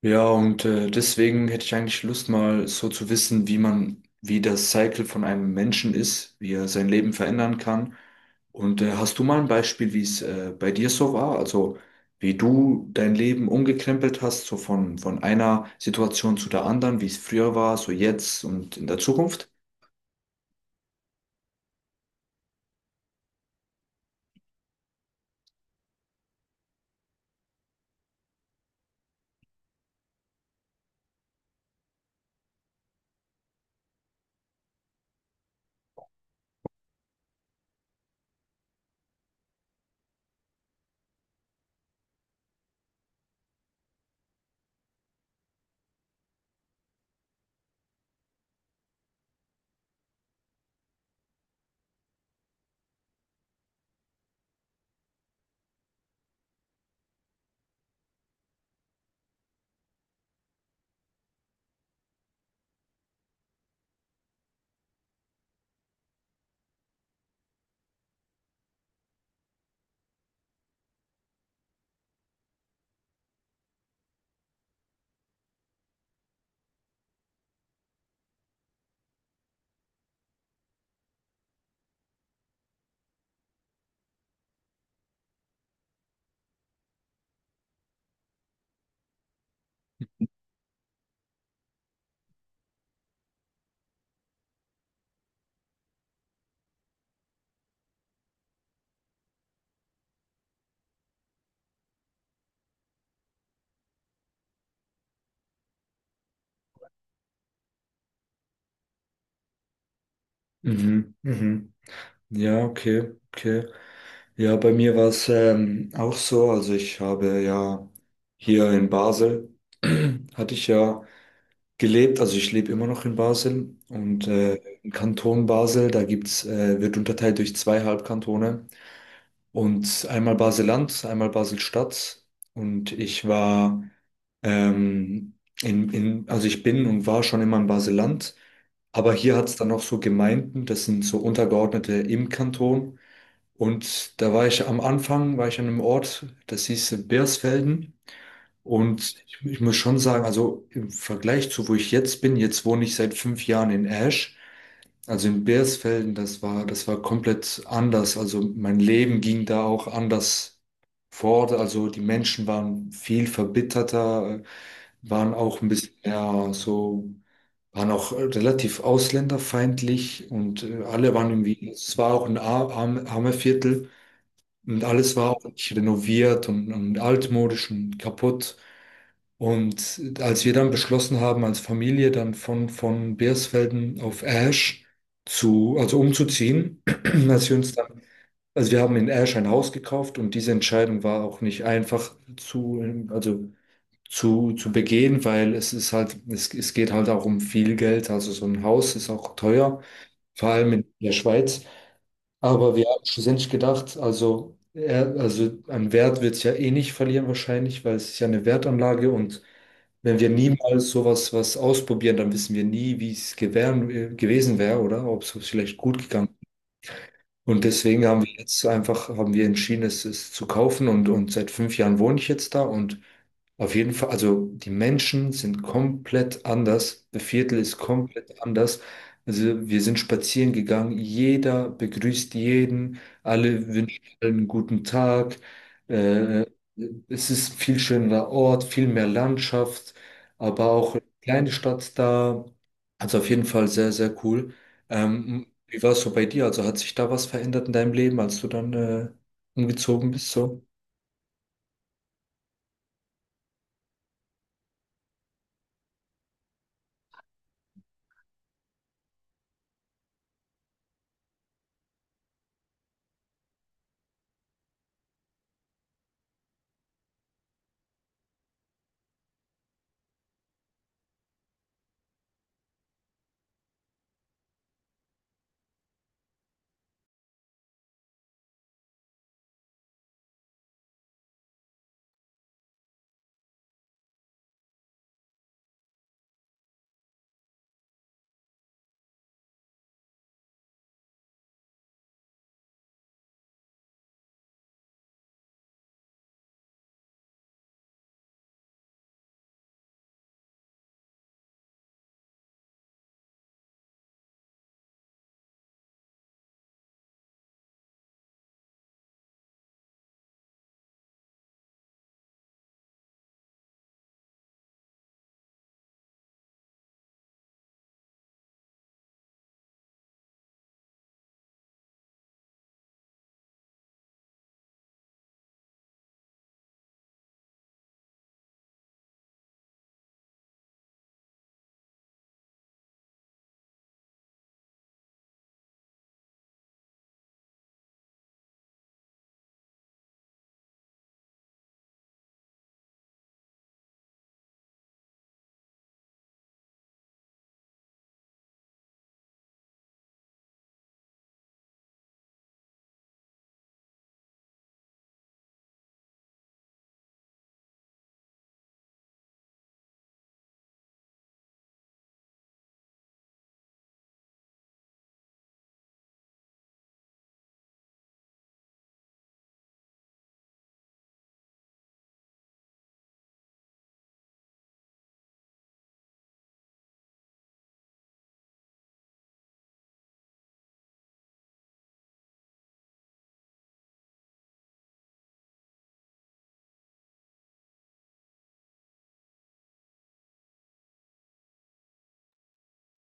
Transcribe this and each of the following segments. Ja, und deswegen hätte ich eigentlich Lust, mal so zu wissen, wie das Cycle von einem Menschen ist, wie er sein Leben verändern kann. Und hast du mal ein Beispiel, wie es bei dir so war? Also wie du dein Leben umgekrempelt hast, so von einer Situation zu der anderen, wie es früher war, so jetzt und in der Zukunft? Mhm, mhm. Ja, okay, okay. Ja, bei mir war es auch so. Also ich habe ja hier in Basel, hatte ich ja gelebt. Also ich lebe immer noch in Basel und im Kanton Basel, wird unterteilt durch zwei Halbkantone und einmal Basel-Land, einmal Basel-Stadt. Und ich war ähm, also ich bin und war schon immer in Basel-Land, aber hier hat's dann noch so Gemeinden, das sind so Untergeordnete im Kanton. Und da war ich am Anfang, war ich an einem Ort, das hieß Bersfelden. Und ich muss schon sagen, also im Vergleich zu wo ich jetzt bin, jetzt wohne ich seit fünf Jahren in Ash, also in Beersfelden, das war komplett anders. Also mein Leben ging da auch anders fort. Also die Menschen waren viel verbitterter, waren auch ein bisschen mehr so, waren auch relativ ausländerfeindlich und alle waren irgendwie, es war auch ein armer Viertel und alles war auch nicht renoviert und altmodisch und kaputt. Und als wir dann beschlossen haben, als Familie dann von Beersfelden auf Ash also umzuziehen, als wir uns dann, also wir haben in Ash ein Haus gekauft und diese Entscheidung war auch nicht einfach zu, also zu begehen, weil es ist halt, es geht halt auch um viel Geld. Also so ein Haus ist auch teuer, vor allem in der Schweiz. Aber wir haben schlussendlich gedacht, also an Wert wird es ja eh nicht verlieren wahrscheinlich, weil es ist ja eine Wertanlage und wenn wir niemals sowas was ausprobieren, dann wissen wir nie, gewesen wäre oder ob es vielleicht gut gegangen, und deswegen haben wir jetzt einfach, haben wir entschieden, es zu kaufen und seit fünf Jahren wohne ich jetzt da, und auf jeden Fall, also die Menschen sind komplett anders, das Viertel ist komplett anders. Also wir sind spazieren gegangen, jeder begrüßt jeden, alle wünschen allen einen guten Tag. Äh, Es ist ein viel schönerer Ort, viel mehr Landschaft, aber auch eine kleine Stadt da. Also auf jeden Fall sehr, sehr cool. Ähm, Wie war es so bei dir? Also hat sich da was verändert in deinem Leben, als du dann umgezogen bist, so?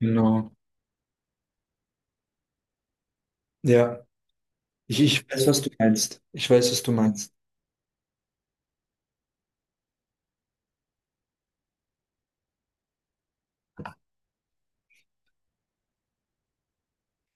Genau. Ja, ich weiß, was du meinst. Ich weiß, was du meinst.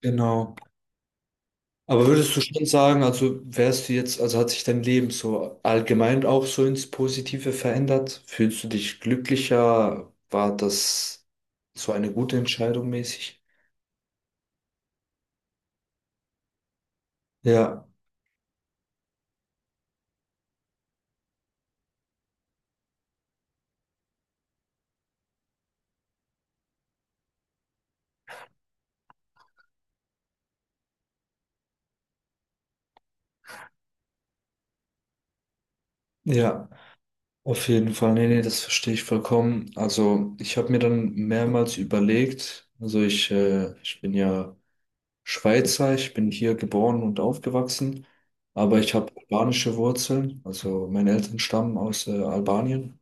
Genau. Aber würdest du schon sagen, also wärst du jetzt, also hat sich dein Leben so allgemein auch so ins Positive verändert? Fühlst du dich glücklicher? War das so eine gute Entscheidung mäßig? Ja, ja. Auf jeden Fall, nee, nee, das verstehe ich vollkommen. Also ich habe mir dann mehrmals überlegt, also ich bin ja Schweizer, ich bin hier geboren und aufgewachsen, aber ich habe albanische Wurzeln, also meine Eltern stammen aus Albanien.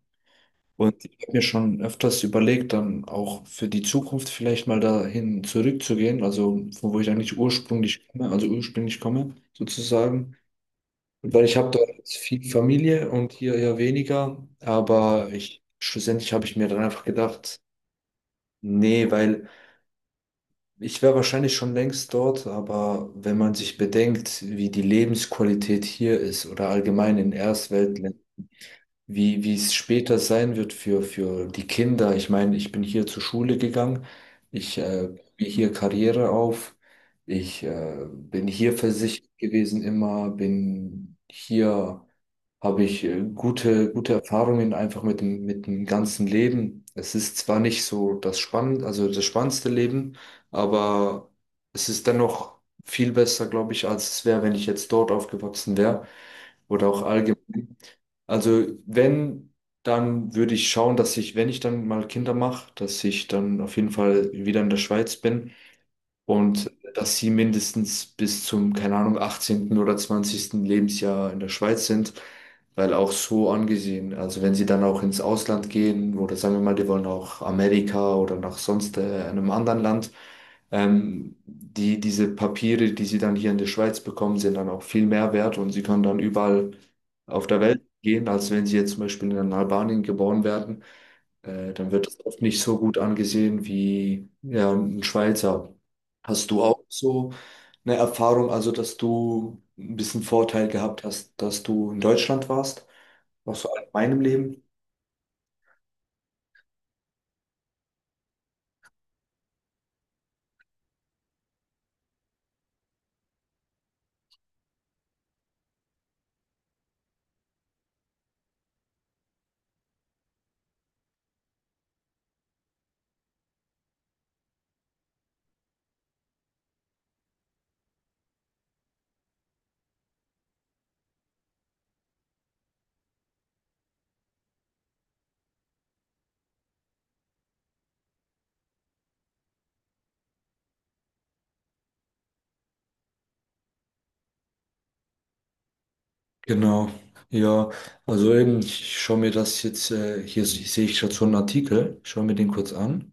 Und ich habe mir schon öfters überlegt, dann auch für die Zukunft vielleicht mal dahin zurückzugehen, also von wo ich eigentlich ursprünglich komme, also ursprünglich komme sozusagen. Weil ich habe dort viel Familie und hier eher weniger, schlussendlich habe ich mir dann einfach gedacht, nee, weil ich wäre wahrscheinlich schon längst dort, aber wenn man sich bedenkt, wie die Lebensqualität hier ist oder allgemein in Erstweltländern, wie es später sein wird für die Kinder. Ich meine, ich bin hier zur Schule gegangen, ich baue hier Karriere auf, ich bin hier versichert gewesen immer, bin hier habe ich gute Erfahrungen einfach mit dem ganzen Leben. Es ist zwar nicht so also das spannendste Leben, aber es ist dennoch viel besser, glaube ich, als es wäre, wenn ich jetzt dort aufgewachsen wäre oder auch allgemein. Also wenn, dann würde ich schauen, dass ich, wenn ich dann mal Kinder mache, dass ich dann auf jeden Fall wieder in der Schweiz bin und dass sie mindestens bis zum, keine Ahnung, 18. oder 20. Lebensjahr in der Schweiz sind, weil auch so angesehen, also wenn sie dann auch ins Ausland gehen oder sagen wir mal, die wollen auch Amerika oder nach sonst einem anderen Land, diese Papiere, die sie dann hier in der Schweiz bekommen, sind dann auch viel mehr wert und sie können dann überall auf der Welt gehen, als wenn sie jetzt zum Beispiel in Albanien geboren werden, dann wird es oft nicht so gut angesehen wie, ja, ein Schweizer. Hast du auch so eine Erfahrung, also dass du ein bisschen Vorteil gehabt hast, dass du in Deutschland warst, auch so in meinem Leben? Genau, ja, also eben, ich schaue mir das jetzt, hier sehe ich gerade so einen Artikel, schaue mir den kurz an.